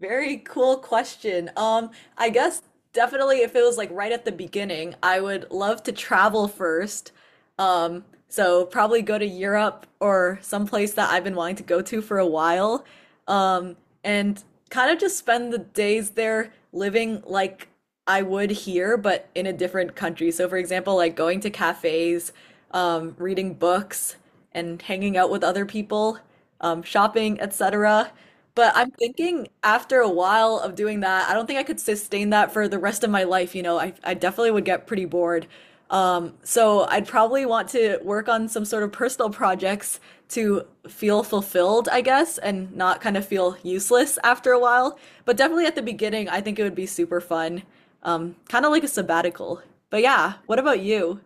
Very cool question. I guess definitely if it was like right at the beginning, I would love to travel first. So probably go to Europe or someplace that I've been wanting to go to for a while. Um, and kind of just spend the days there living like I would here, but in a different country. So for example, like going to cafes, reading books and hanging out with other people, shopping, etc. But I'm thinking after a while of doing that, I don't think I could sustain that for the rest of my life. You know, I definitely would get pretty bored. So I'd probably want to work on some sort of personal projects to feel fulfilled, I guess, and not kind of feel useless after a while. But definitely at the beginning, I think it would be super fun. Kind of like a sabbatical. But yeah, what about you?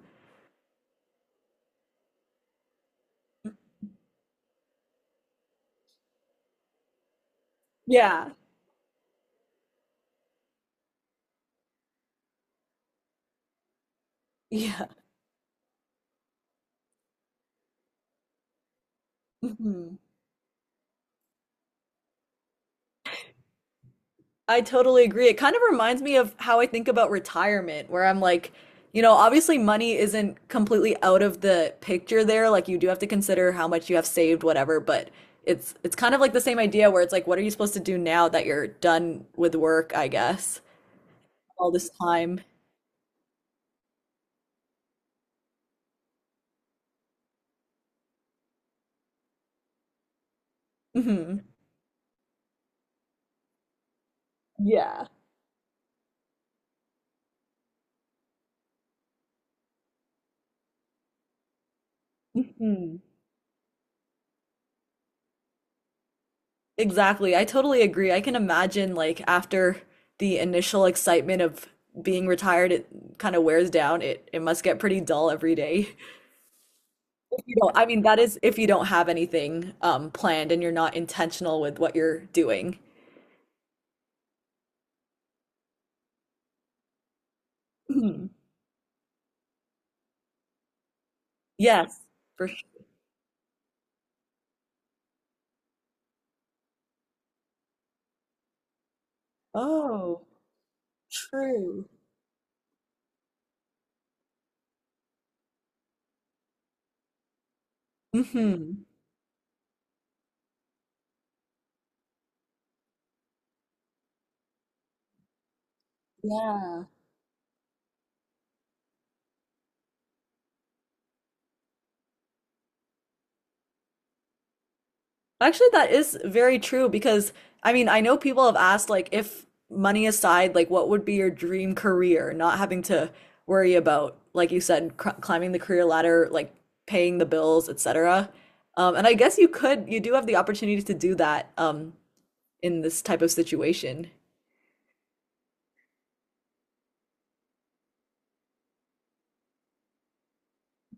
Yeah. Yeah. I totally agree. It kind of reminds me of how I think about retirement, where I'm like, you know, obviously money isn't completely out of the picture there. Like you do have to consider how much you have saved, whatever, but it's kind of like the same idea where it's like, what are you supposed to do now that you're done with work, I guess, all this time? hmm Yeah. hmm Exactly. I totally agree. I can imagine like after the initial excitement of being retired, it kind of wears down. It must get pretty dull every day. You know, I mean, that is if you don't have anything planned and you're not intentional with what you're doing. Mhm. Yes, for sure. Oh, true. hmm Yeah. Actually, that is very true because I mean, I know people have asked like if money aside, like what would be your dream career, not having to worry about, like you said, cr climbing the career ladder, like paying the bills, etc. And I guess you do have the opportunity to do that in this type of situation.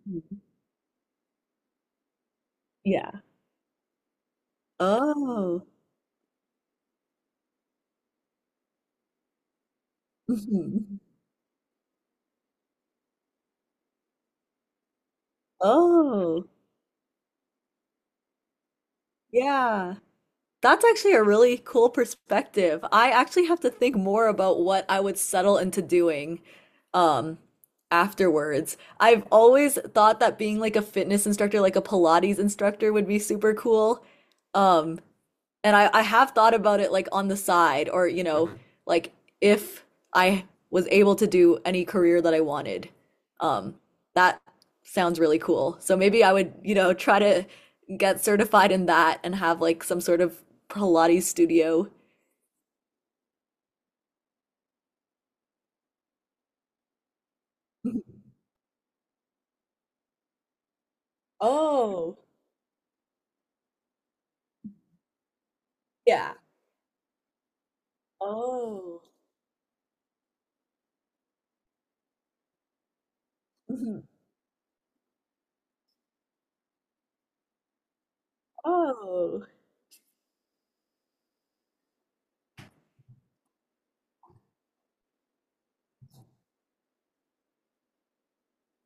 Mhm. Yeah. Oh. Mhm. Oh. Yeah. That's actually a really cool perspective. I actually have to think more about what I would settle into doing um afterwards. I've always thought that being like a fitness instructor, like a Pilates instructor would be super cool. Um And I have thought about it like on the side, or, you know, Mhm. like if I was able to do any career that I wanted, um, that sounds really cool. So maybe I would, you know, try to get certified in that and have like some sort of Pilates studio. Oh, yeah. Oh. Oh.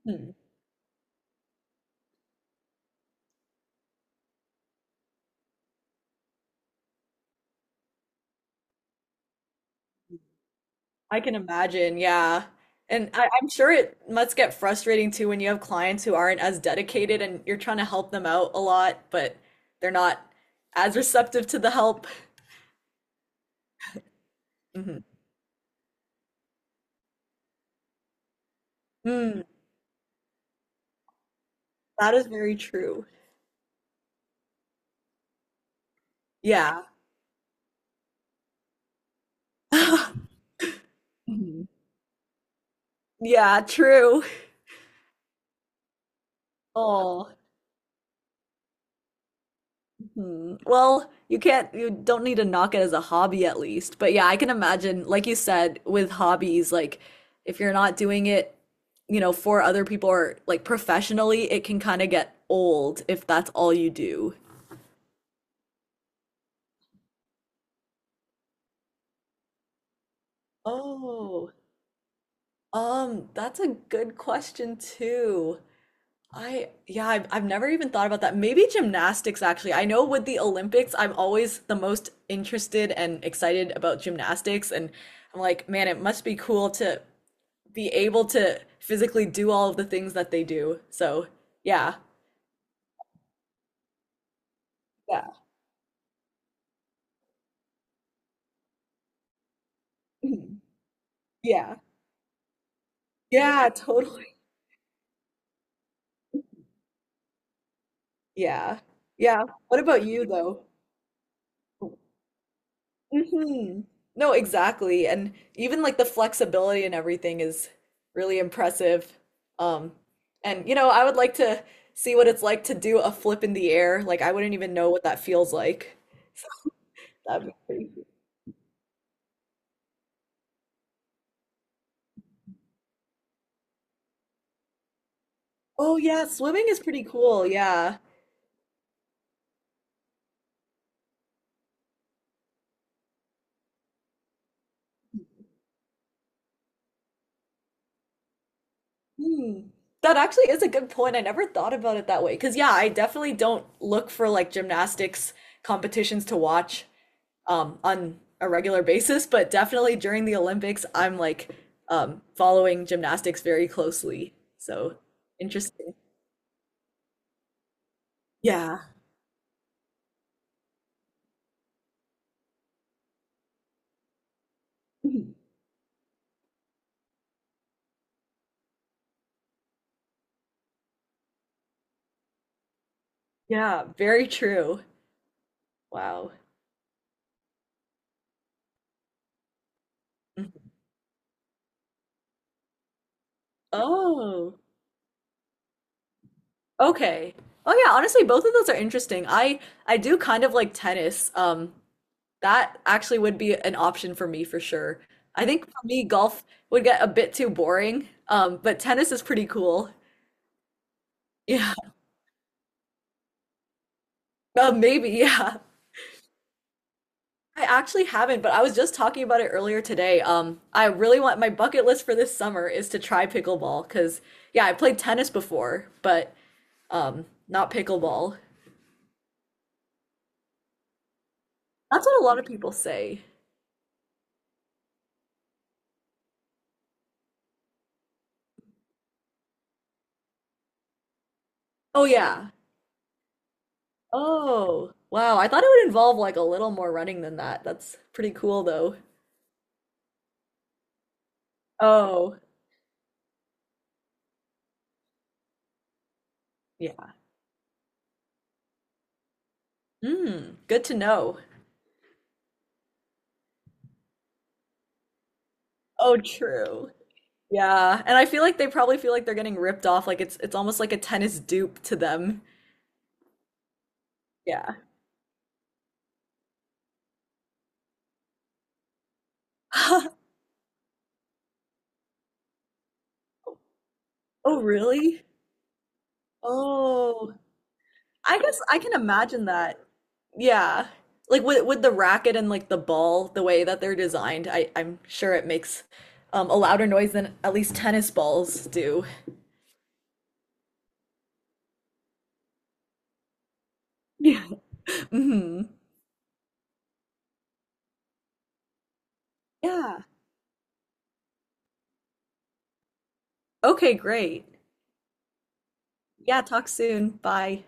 Hmm. I can imagine, yeah. And I'm sure it must get frustrating too when you have clients who aren't as dedicated and you're trying to help them out a lot, but they're not as receptive to the help. Mhm. Mm, that is very true. Yeah. Mhm. Yeah, true. Oh, Hmm. Well, you don't need to knock it as a hobby at least. But yeah, I can imagine, like you said, with hobbies, like if you're not doing it, you know, for other people or like professionally, it can kind of get old if that's all you do. Oh, that's a good question too. Yeah, I've never even thought about that. Maybe gymnastics, actually. I know with the Olympics, I'm always the most interested and excited about gymnastics. And I'm like, man, it must be cool to be able to physically do all of the things that they do. So, yeah. Yeah. Mhm. Yeah. Yeah, totally. Yeah. Yeah. What about you though? hmm No, exactly. And even like the flexibility and everything is really impressive. Um, and you know, I would like to see what it's like to do a flip in the air. Like I wouldn't even know what that feels like. So, that'd be pretty cool. Oh yeah, swimming is pretty cool. Yeah. Hmm. That actually is a good point. I never thought about it that way. Because, yeah, I definitely don't look for like gymnastics competitions to watch on a regular basis, but definitely during the Olympics, I'm like following gymnastics very closely. So interesting. Yeah. Yeah. Very true. Wow. Mm-hmm. Oh, okay. Oh yeah, honestly, both of those are interesting. I do kind of like tennis. That actually would be an option for me for sure. I think for me, golf would get a bit too boring, but tennis is pretty cool. Yeah, maybe, yeah. I actually haven't, but I was just talking about it earlier today. I really want my bucket list for this summer is to try pickleball because, yeah, I played tennis before, but not pickleball. That's what a lot of people say. Oh, yeah. Oh, wow. I thought it would involve like a little more running than that. That's pretty cool, though. Oh, yeah. Mm, good to know. Oh, true. Yeah. And I feel like they probably feel like they're getting ripped off. Like it's almost like a tennis dupe to them. Yeah. Oh, really? Oh, I guess I can imagine that. Yeah. Like with the racket and like the ball, the way that they're designed, I'm sure it makes a louder noise than at least tennis balls do. Yeah. hmm Yeah. Okay, great. Yeah, talk soon. Bye.